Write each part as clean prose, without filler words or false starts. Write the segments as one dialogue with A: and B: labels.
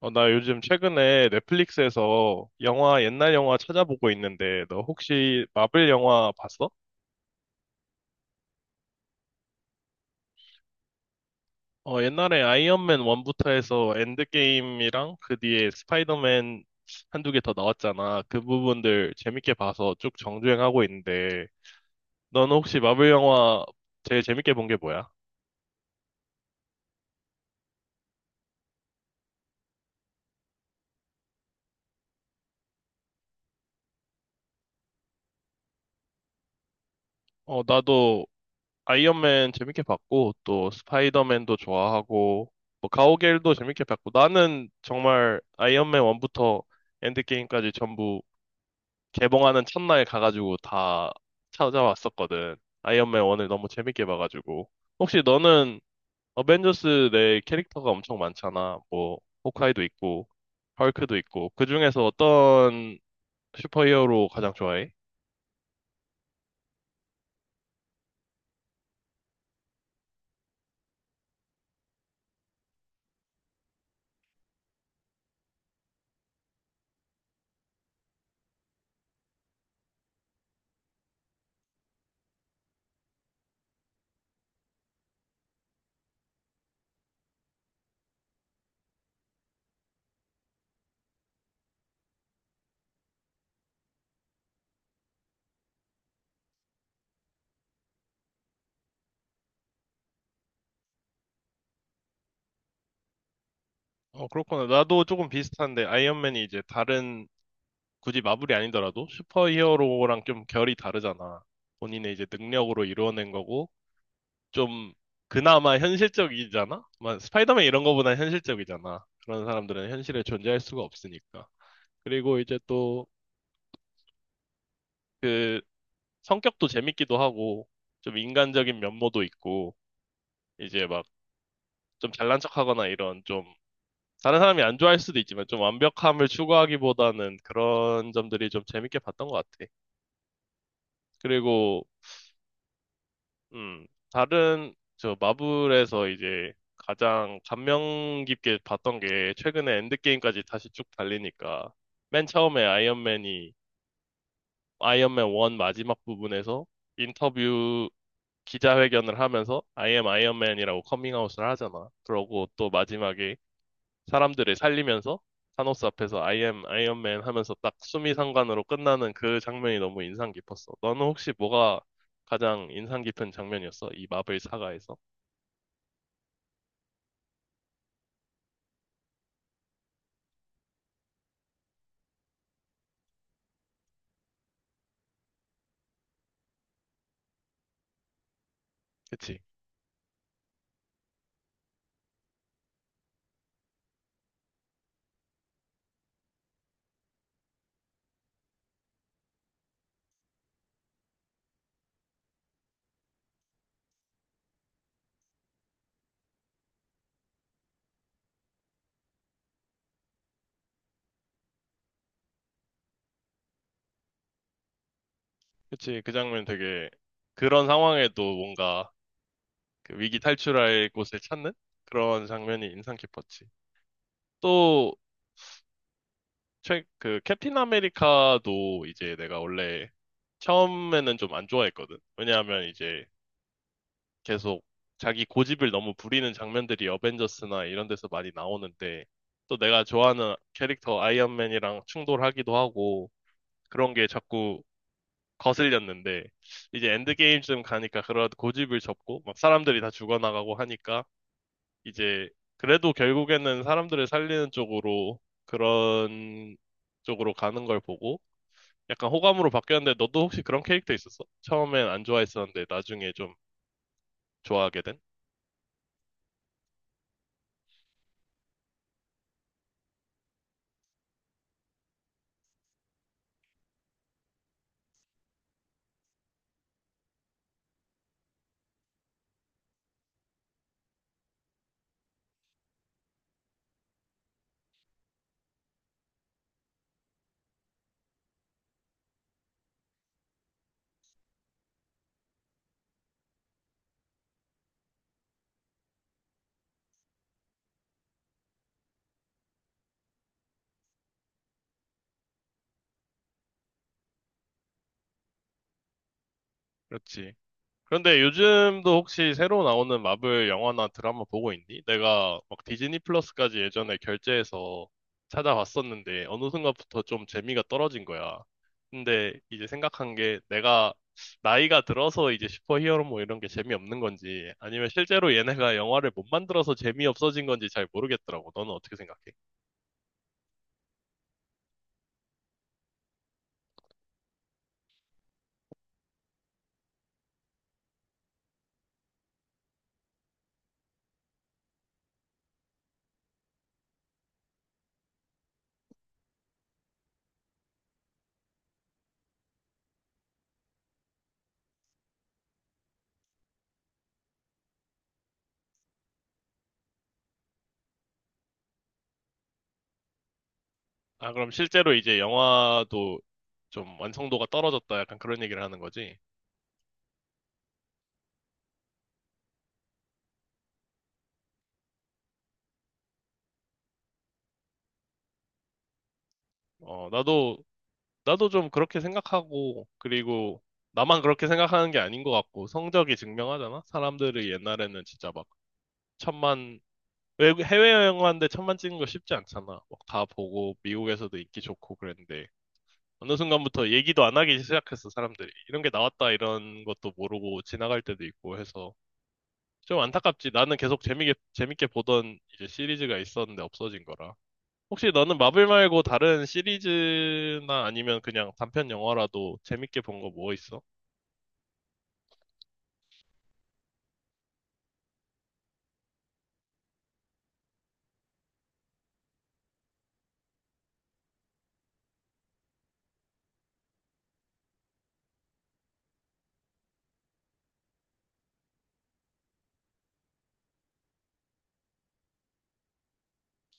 A: 나 요즘 최근에 넷플릭스에서 옛날 영화 찾아보고 있는데, 너 혹시 마블 영화 봤어? 옛날에 아이언맨 1부터 해서 엔드게임이랑 그 뒤에 스파이더맨 한두 개 더 나왔잖아. 그 부분들 재밌게 봐서 쭉 정주행하고 있는데, 너는 혹시 마블 영화 제일 재밌게 본 게 뭐야? 나도 아이언맨 재밌게 봤고, 또 스파이더맨도 좋아하고, 뭐 가오갤도 재밌게 봤고, 나는 정말 아이언맨 1부터 엔드게임까지 전부 개봉하는 첫날 가가지고 다 찾아왔었거든. 아이언맨 1을 너무 재밌게 봐가지고. 혹시 너는 어벤져스 내 캐릭터가 엄청 많잖아. 뭐, 호크아이도 있고, 헐크도 있고, 그 중에서 어떤 슈퍼히어로 가장 좋아해? 어, 그렇구나. 나도 조금 비슷한데, 아이언맨이 이제 다른 굳이 마블이 아니더라도 슈퍼히어로랑 좀 결이 다르잖아. 본인의 이제 능력으로 이루어낸 거고 좀 그나마 현실적이잖아. 막 스파이더맨 이런 거보다 현실적이잖아. 그런 사람들은 현실에 존재할 수가 없으니까. 그리고 이제 또 그 성격도 재밌기도 하고 좀 인간적인 면모도 있고 이제 막 좀 잘난 척하거나 이런 좀 다른 사람이 안 좋아할 수도 있지만 좀 완벽함을 추구하기보다는 그런 점들이 좀 재밌게 봤던 것 같아. 그리고 음, 마블에서 이제 가장 감명 깊게 봤던 게 최근에 엔드게임까지 다시 쭉 달리니까 맨 처음에 아이언맨 1 마지막 부분에서 인터뷰 기자회견을 하면서 I am 아이언맨이라고 커밍아웃을 하잖아. 그러고 또 마지막에 사람들을 살리면서 타노스 앞에서 I am 아이언맨 하면서 딱 수미상관으로 끝나는 그 장면이 너무 인상 깊었어. 너는 혹시 뭐가 가장 인상 깊은 장면이었어? 이 마블 사가에서? 그치. 그치. 그 장면 되게 그런 상황에도 뭔가 그 위기 탈출할 곳을 찾는 그런 장면이 인상 깊었지. 또, 그 캡틴 아메리카도 이제 내가 원래 처음에는 좀 안 좋아했거든. 왜냐하면 이제 계속 자기 고집을 너무 부리는 장면들이 어벤져스나 이런 데서 많이 나오는데 또 내가 좋아하는 캐릭터 아이언맨이랑 충돌하기도 하고 그런 게 자꾸 거슬렸는데 이제 엔드게임쯤 가니까 그런 고집을 접고 막 사람들이 다 죽어나가고 하니까 이제 그래도 결국에는 사람들을 살리는 쪽으로 그런 쪽으로 가는 걸 보고 약간 호감으로 바뀌었는데 너도 혹시 그런 캐릭터 있었어? 처음엔 안 좋아했었는데 나중에 좀 좋아하게 된? 그렇지. 그런데 요즘도 혹시 새로 나오는 마블 영화나 드라마 보고 있니? 내가 막 디즈니 플러스까지 예전에 결제해서 찾아봤었는데 어느 순간부터 좀 재미가 떨어진 거야. 근데 이제 생각한 게 내가 나이가 들어서 이제 슈퍼히어로 뭐 이런 게 재미없는 건지 아니면 실제로 얘네가 영화를 못 만들어서 재미없어진 건지 잘 모르겠더라고. 너는 어떻게 생각해? 아, 그럼 실제로 이제 영화도 좀 완성도가 떨어졌다 약간 그런 얘기를 하는 거지? 어, 나도 나도 좀 그렇게 생각하고, 그리고 나만 그렇게 생각하는 게 아닌 것 같고, 성적이 증명하잖아? 사람들이 옛날에는 진짜 막 천만, 해외여행 하는데 천만 찍는 거 쉽지 않잖아. 막 다 보고, 미국에서도 인기 좋고 그랬는데, 어느 순간부터 얘기도 안 하기 시작했어, 사람들이. 이런 게 나왔다, 이런 것도 모르고 지나갈 때도 있고 해서. 좀 안타깝지. 나는 계속 재밌게 보던 이제 시리즈가 있었는데 없어진 거라. 혹시 너는 마블 말고 다른 시리즈나 아니면 그냥 단편 영화라도 재밌게 본 거 뭐 있어?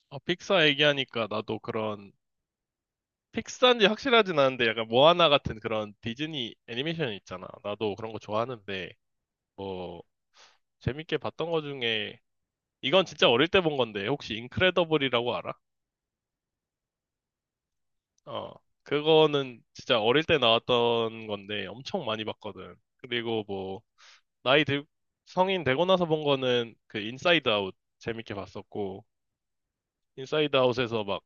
A: 어, 픽사 얘기하니까 나도 그런 픽사인지 확실하진 않은데 약간 모아나 같은 그런 디즈니 애니메이션 있잖아. 나도 그런 거 좋아하는데 뭐 재밌게 봤던 거 중에 이건 진짜 어릴 때 본 건데 혹시 인크레더블이라고 알아? 어, 그거는 진짜 어릴 때 나왔던 건데 엄청 많이 봤거든. 그리고 뭐 나이 들, 성인 되고 나서 본 거는 그 인사이드 아웃 재밌게 봤었고, 인사이드 아웃에서 막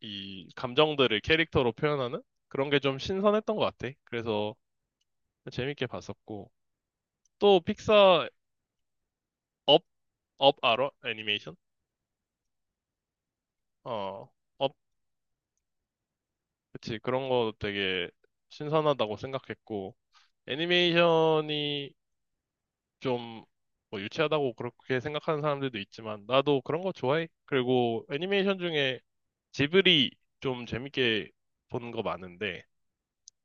A: 이 감정들을 캐릭터로 표현하는 그런 게 좀 신선했던 것 같아. 그래서 재밌게 봤었고, 또 픽사 업, 업 알아? 애니메이션? 어, 업, 그치. 그런 거 되게 신선하다고 생각했고, 애니메이션이 좀 뭐 유치하다고 그렇게 생각하는 사람들도 있지만 나도 그런 거 좋아해. 그리고 애니메이션 중에 지브리 좀 재밌게 보는 거 많은데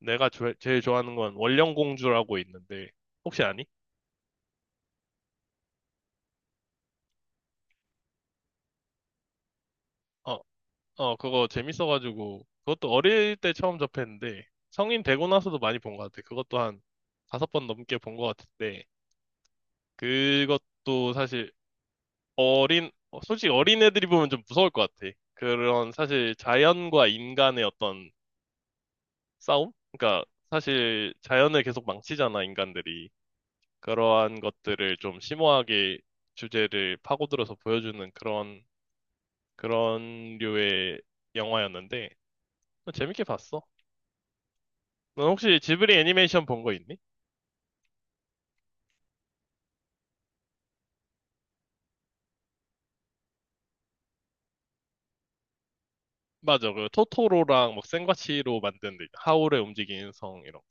A: 내가 제일 좋아하는 건 원령공주라고 있는데 혹시 아니? 어, 어, 그거 재밌어가지고 그것도 어릴 때 처음 접했는데 성인 되고 나서도 많이 본 것 같아. 그것도 한 5번 넘게 본 것 같은데 그것도 솔직히 어린애들이 보면 좀 무서울 것 같아. 그런 사실 자연과 인간의 어떤 싸움? 그러니까 사실 자연을 계속 망치잖아, 인간들이. 그러한 것들을 좀 심오하게 주제를 파고들어서 보여주는 그런 류의 영화였는데, 재밌게 봤어. 넌 혹시 지브리 애니메이션 본 거 있니? 맞아, 그 토토로랑 막 센과치로 만든 하울의 움직이는 성 이런 거.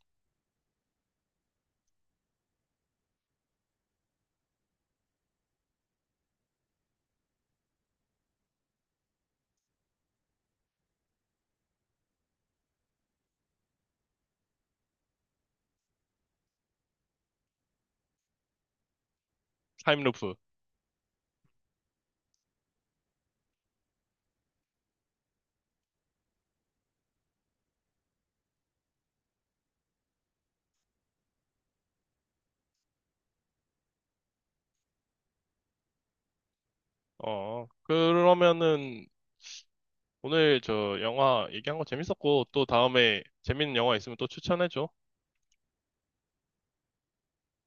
A: 타임루프. 어, 그러면은 오늘 저 영화 얘기한 거 재밌었고, 또 다음에 재밌는 영화 있으면 또 추천해줘.